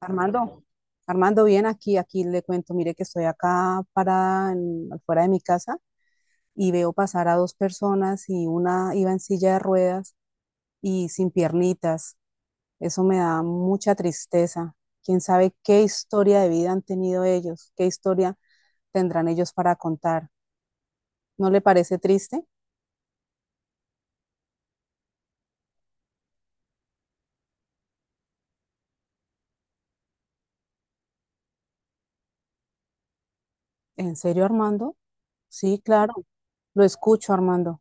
Armando, Armando, bien aquí, aquí le cuento, mire que estoy acá parada afuera de mi casa y veo pasar a dos personas y una iba en silla de ruedas y sin piernitas. Eso me da mucha tristeza. ¿Quién sabe qué historia de vida han tenido ellos? ¿Qué historia tendrán ellos para contar? ¿No le parece triste? ¿En serio, Armando? Sí, claro. Lo escucho, Armando.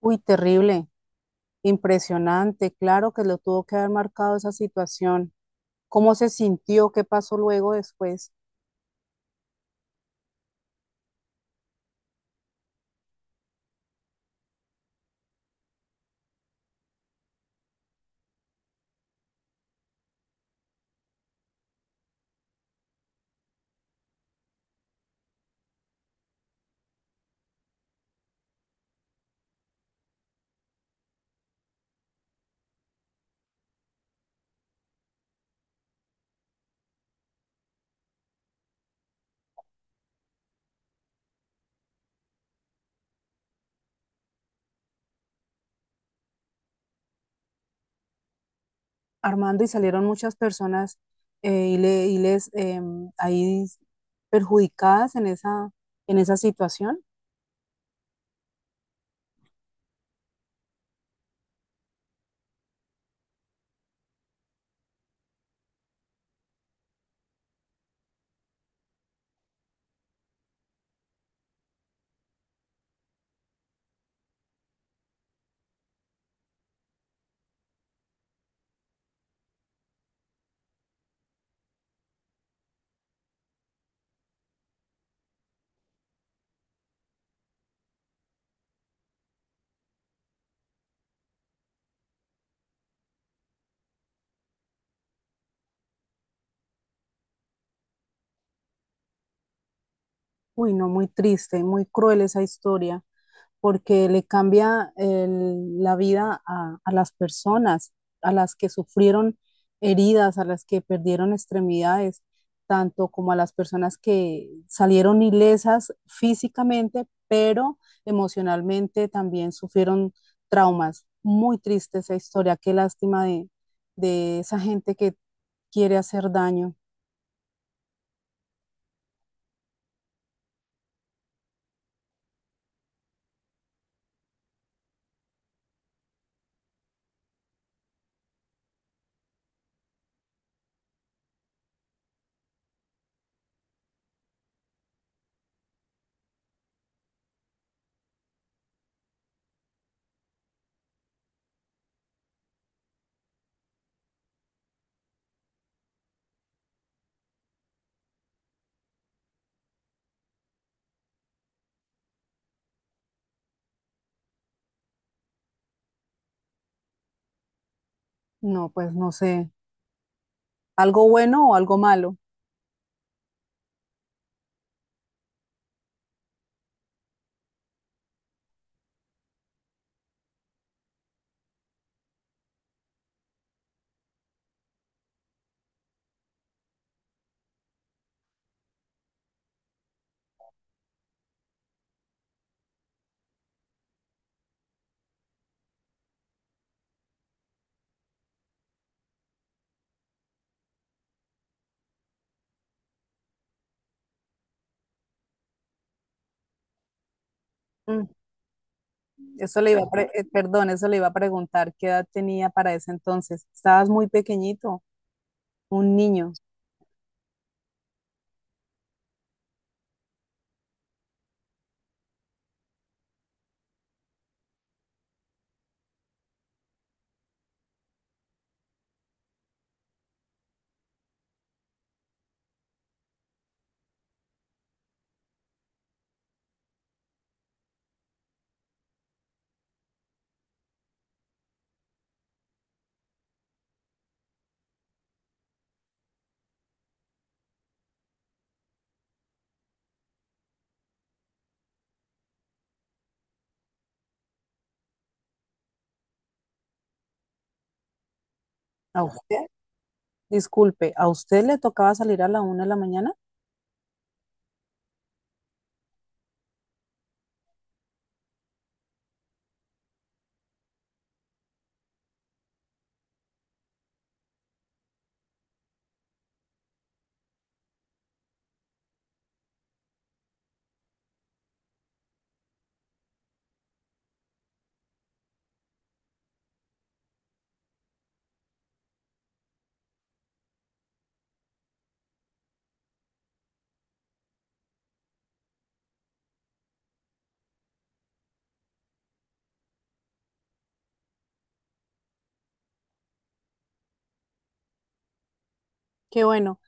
Uy, terrible, impresionante. Claro que lo tuvo que haber marcado esa situación. ¿Cómo se sintió? ¿Qué pasó luego después? Armando, y salieron muchas personas y les ahí perjudicadas en en esa situación. Uy, no, muy triste, muy cruel esa historia. Porque le cambia la vida a las personas, a las que sufrieron heridas, a las que perdieron extremidades, tanto como a las personas que salieron ilesas físicamente, pero emocionalmente también sufrieron traumas. Muy triste esa historia, qué lástima de esa gente que quiere hacer daño. No, pues no sé, algo bueno o algo malo. Mm. Eso le iba a pre- Perdón, eso le iba a preguntar qué edad tenía para ese entonces. Estabas muy pequeñito, un niño. ¿A usted? Disculpe, ¿a usted le tocaba salir a la una de la mañana? Qué bueno.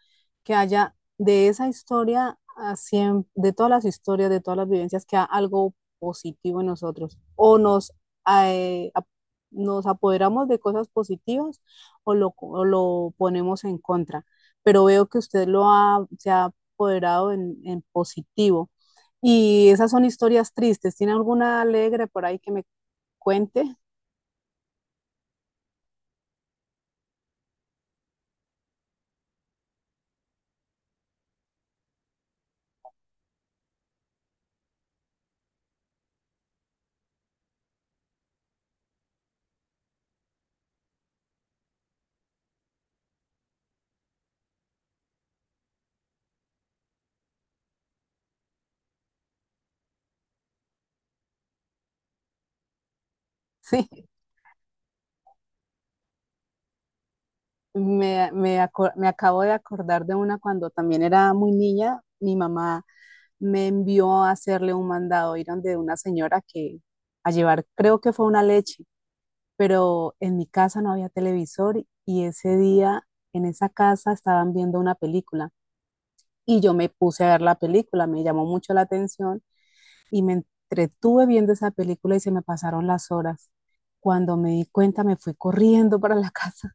Que haya de esa historia, de todas las historias, de todas las vivencias, que haya algo positivo en nosotros. Eh, ap- Nos apoderamos de cosas positivas o lo ponemos en contra. Pero veo que se ha apoderado en positivo. Y esas son historias tristes. ¿Tiene alguna alegre por ahí que me cuente? Sí. Me acabo de acordar de una cuando también era muy niña. Mi mamá me envió a hacerle un mandado, ir donde una señora que a llevar, creo que fue una leche, pero en mi casa no había televisor y ese día en esa casa estaban viendo una película y yo me puse a ver la película, me llamó mucho la atención y me entretuve viendo esa película y se me pasaron las horas. Cuando me di cuenta me fui corriendo para la casa.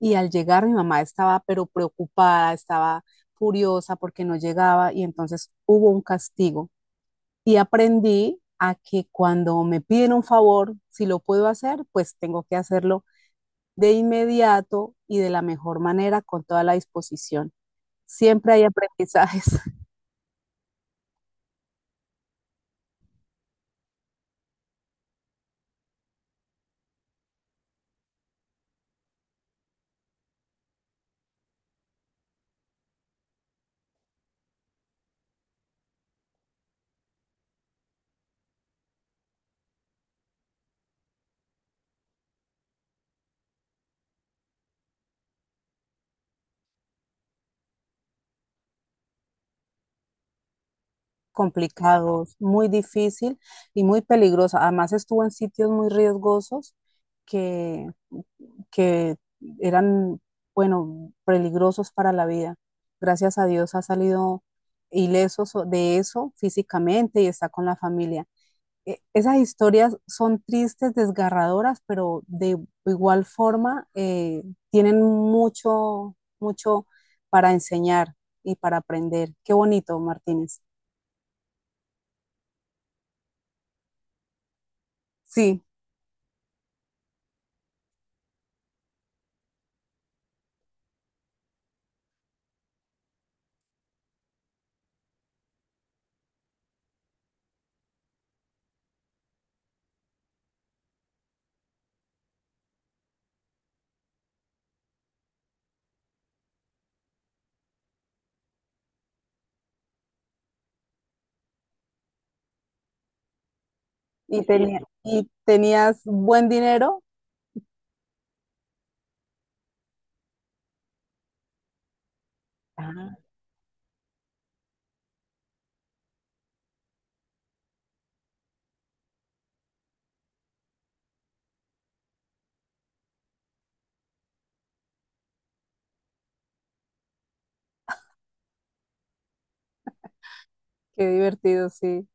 Y al llegar mi mamá estaba pero preocupada, estaba furiosa porque no llegaba y entonces hubo un castigo. Y aprendí a que cuando me piden un favor, si lo puedo hacer, pues tengo que hacerlo de inmediato y de la mejor manera con toda la disposición. Siempre hay aprendizajes. Complicados, muy difícil y muy peligrosos. Además estuvo en sitios muy riesgosos que que eran, bueno, peligrosos para la vida. Gracias a Dios ha salido ileso so, de eso físicamente y está con la familia. Esas historias son tristes, desgarradoras, pero de igual forma tienen mucho para enseñar y para aprender. Qué bonito, Martínez. Sí, y tenías buen dinero. Ah, qué divertido, sí.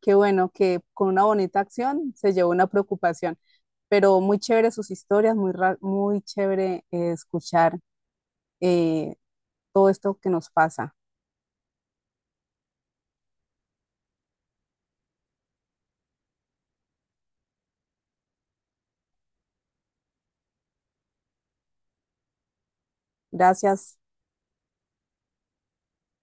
Qué bueno que con una bonita acción se llevó una preocupación, pero muy chévere sus historias, muy chévere escuchar eh, todo esto que nos pasa. Gracias.